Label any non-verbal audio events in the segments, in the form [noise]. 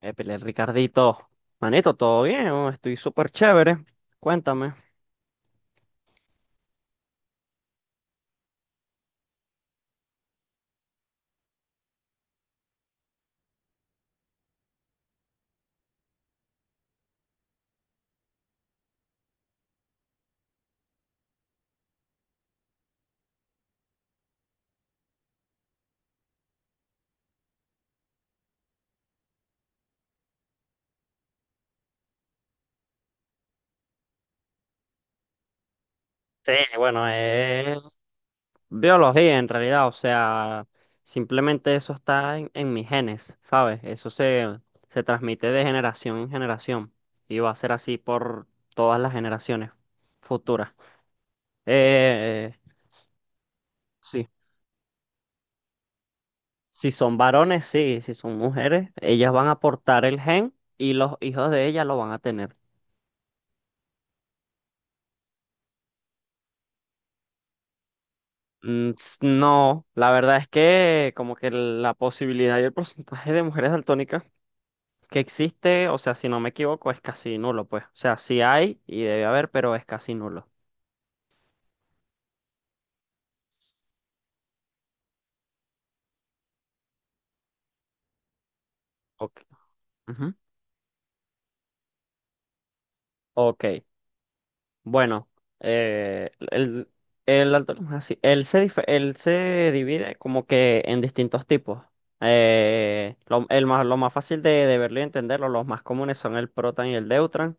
Épale, Ricardito. Manito, ¿todo bien? Oh, estoy súper chévere. Cuéntame. Sí, bueno, es biología en realidad, o sea, simplemente eso está en mis genes, ¿sabes? Se transmite de generación en generación y va a ser así por todas las generaciones futuras. Eh, sí, si son varones, sí, si son mujeres, ellas van a portar el gen y los hijos de ellas lo van a tener. No, la verdad es que como que la posibilidad y el [laughs] porcentaje de mujeres daltónicas que existe, o sea, si no me equivoco, es casi nulo, pues. O sea, sí hay y debe haber, pero es casi nulo. Ok. Ujú. Ok. Bueno, eh, el, el daltonismo es así. Él se divide como que en distintos tipos. Lo más fácil de verlo y entenderlo, los más comunes son el protan y el deutran.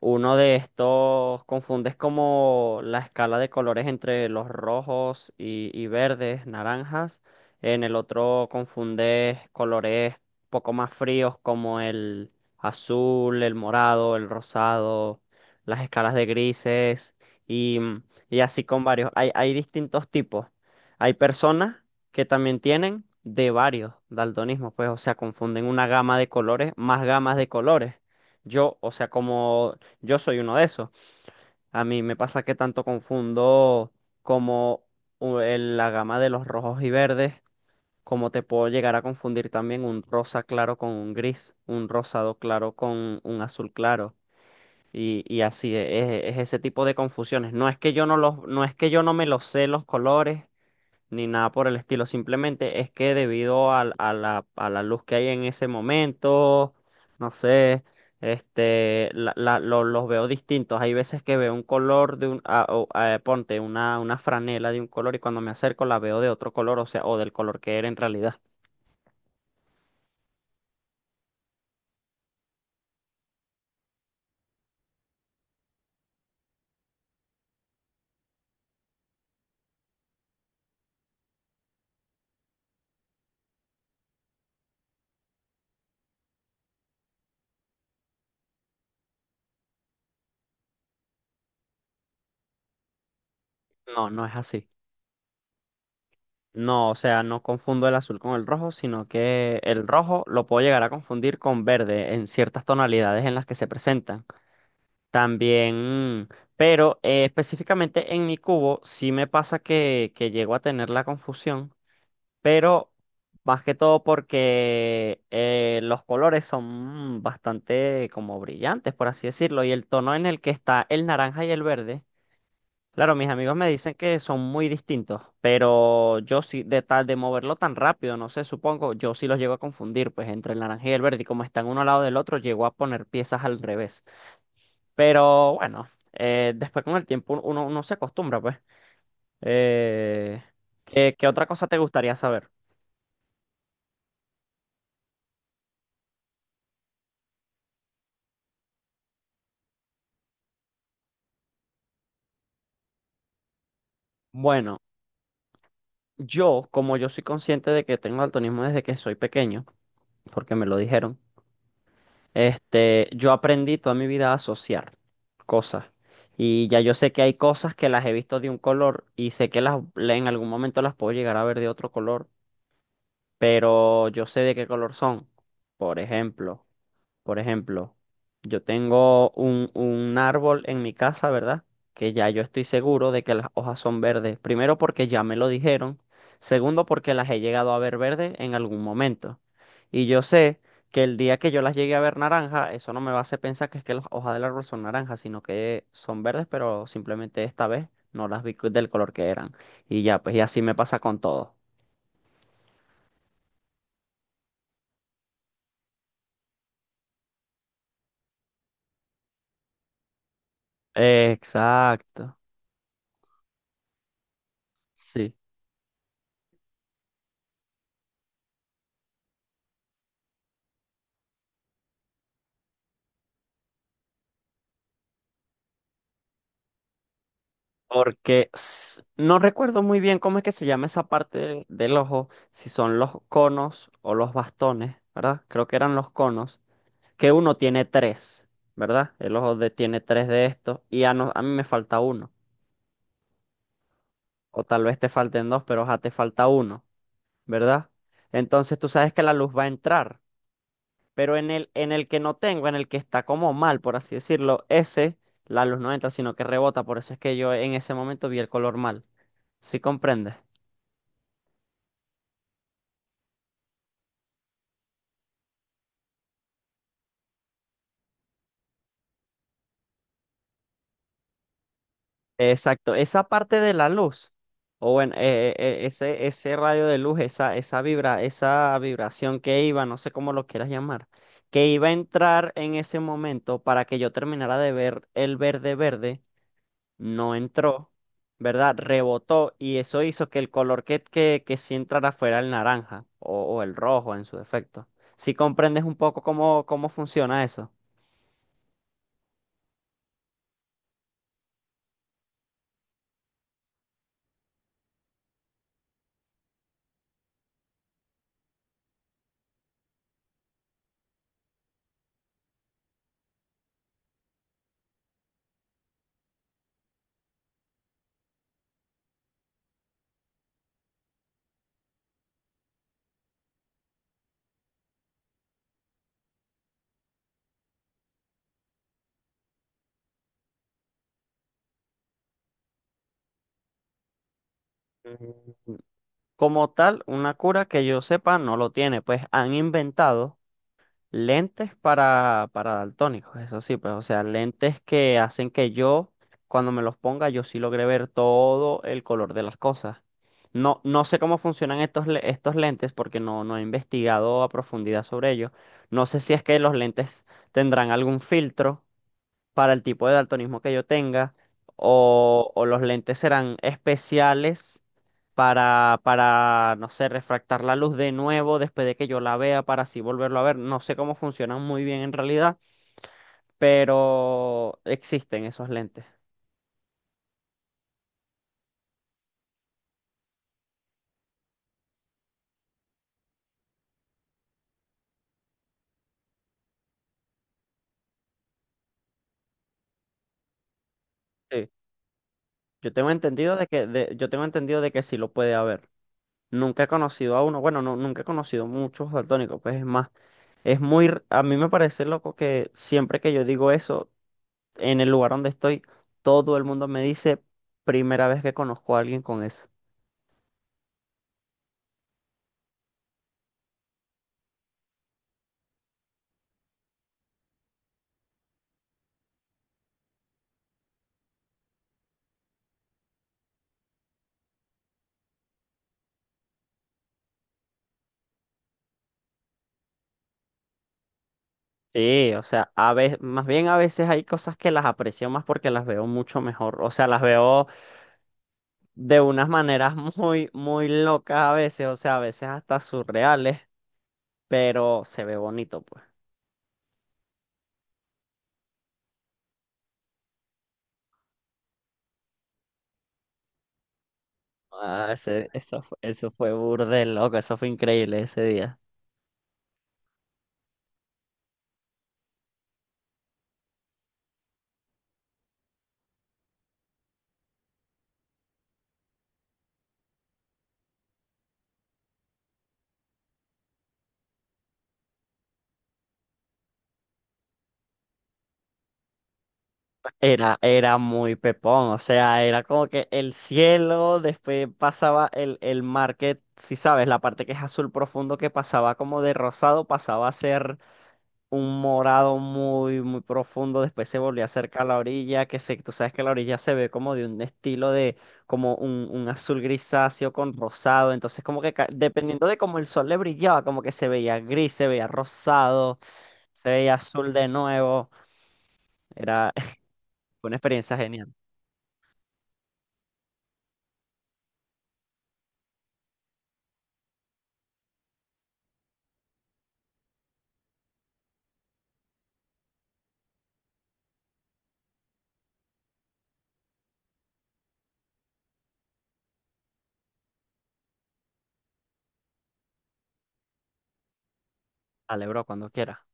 Uno de estos confundes como la escala de colores entre los rojos y verdes, naranjas. En el otro confundes colores poco más fríos como el azul, el morado, el rosado, las escalas de grises y, mm, y así con varios. Hay distintos tipos. Hay personas que también tienen de varios daltonismos, pues, o sea, confunden una gama de colores más gamas de colores. Yo, o sea, como yo soy uno de esos. A mí me pasa que tanto confundo como la gama de los rojos y verdes, como te puedo llegar a confundir también un rosa claro con un gris, un rosado claro con un azul claro. Y así es ese tipo de confusiones. No es que yo no los, no es que yo no me los sé los colores, ni nada por el estilo. Simplemente es que debido a la luz que hay en ese momento, no sé, este, los veo distintos. Hay veces que veo un color de un, ponte una franela de un color y cuando me acerco la veo de otro color, o sea, o del color que era en realidad. No, no es así. No, o sea, no confundo el azul con el rojo, sino que el rojo lo puedo llegar a confundir con verde en ciertas tonalidades en las que se presentan. También, pero específicamente en mi cubo sí me pasa que llego a tener la confusión, pero más que todo porque los colores son bastante como brillantes, por así decirlo, y el tono en el que está el naranja y el verde, claro, mis amigos me dicen que son muy distintos, pero yo sí, de tal de moverlo tan rápido, no sé, supongo, yo sí los llego a confundir, pues entre el naranja y el verde, y como están uno al lado del otro, llego a poner piezas al revés. Pero bueno, después con el tiempo uno se acostumbra, pues. Eh, ¿qué otra cosa te gustaría saber? Bueno, yo, como yo soy consciente de que tengo daltonismo desde que soy pequeño, porque me lo dijeron, este, yo aprendí toda mi vida a asociar cosas. Y ya yo sé que hay cosas que las he visto de un color y sé que las, en algún momento las puedo llegar a ver de otro color, pero yo sé de qué color son. Por ejemplo. Por ejemplo, yo tengo un árbol en mi casa, ¿verdad? Que ya yo estoy seguro de que las hojas son verdes. Primero porque ya me lo dijeron. Segundo porque las he llegado a ver verdes en algún momento. Y yo sé que el día que yo las llegue a ver naranja, eso no me va a hacer pensar que es que las hojas del árbol son naranjas, sino que son verdes, pero simplemente esta vez no las vi del color que eran. Y ya, pues y así me pasa con todo. Exacto. Sí. Porque s- no recuerdo muy bien cómo es que se llama esa parte del ojo, si son los conos o los bastones, ¿verdad? Creo que eran los conos, que uno tiene tres, ¿verdad? El tiene tres de estos y a, no- a mí me falta uno, o tal vez te falten dos, pero ya te falta uno, ¿verdad? Entonces tú sabes que la luz va a entrar, pero en el que no tengo, en el que está como mal, por así decirlo, ese, la luz no entra, sino que rebota, por eso es que yo en ese momento vi el color mal. ¿Sí comprendes? Exacto, esa parte de la luz, o bueno, ese rayo de luz, esa vibra, esa vibración que iba, no sé cómo lo quieras llamar, que iba a entrar en ese momento para que yo terminara de ver el verde verde, no entró, ¿verdad? Rebotó y eso hizo que el color que sí entrara fuera el naranja o el rojo en su defecto. Si comprendes un poco cómo, cómo funciona eso. Mm. Como tal, una cura que yo sepa no lo tiene, pues han inventado. Lentes para daltónicos, eso sí, pues, o sea, lentes que hacen que yo, cuando me los ponga, yo sí logre ver todo el color de las cosas. No, no sé cómo funcionan estos lentes porque no, no he investigado a profundidad sobre ellos. No sé si es que los lentes tendrán algún filtro para el tipo de daltonismo que yo tenga, o los lentes serán especiales no sé, refractar la luz de nuevo después de que yo la vea para así volverlo a ver. No sé cómo funcionan muy bien en realidad, pero existen esos lentes. Sí. Yo tengo entendido de que, de- yo tengo entendido de que sí lo puede haber. Nunca he conocido a uno, bueno, no, nunca he conocido muchos daltónicos, pues es más, es muy, r- a mí me parece loco que siempre que yo digo eso, en el lugar donde estoy, todo el mundo me dice, primera vez que conozco a alguien con eso. Sí, o sea, a veces, más bien a veces hay cosas que las aprecio más porque las veo mucho mejor, o sea, las veo de unas maneras [laughs] muy, muy locas a veces, o sea, a veces hasta surreales, pero se ve bonito, pues. Eso fue burde loco, eso fue increíble ese día. Era, era muy pepón, o sea, era como que el cielo, después pasaba el mar que, si sabes, la parte que es azul profundo que pasaba como de rosado, pasaba a ser un morado muy, muy profundo, después se volvió acerca a la orilla, que se, tú sabes que la orilla se ve como de un estilo de, como un azul grisáceo con rosado, entonces como que ca- dependiendo de cómo el sol le brillaba, como que se veía gris, se veía rosado, se veía azul de nuevo, era [laughs] una experiencia genial. Dale, bro, cuando quiera.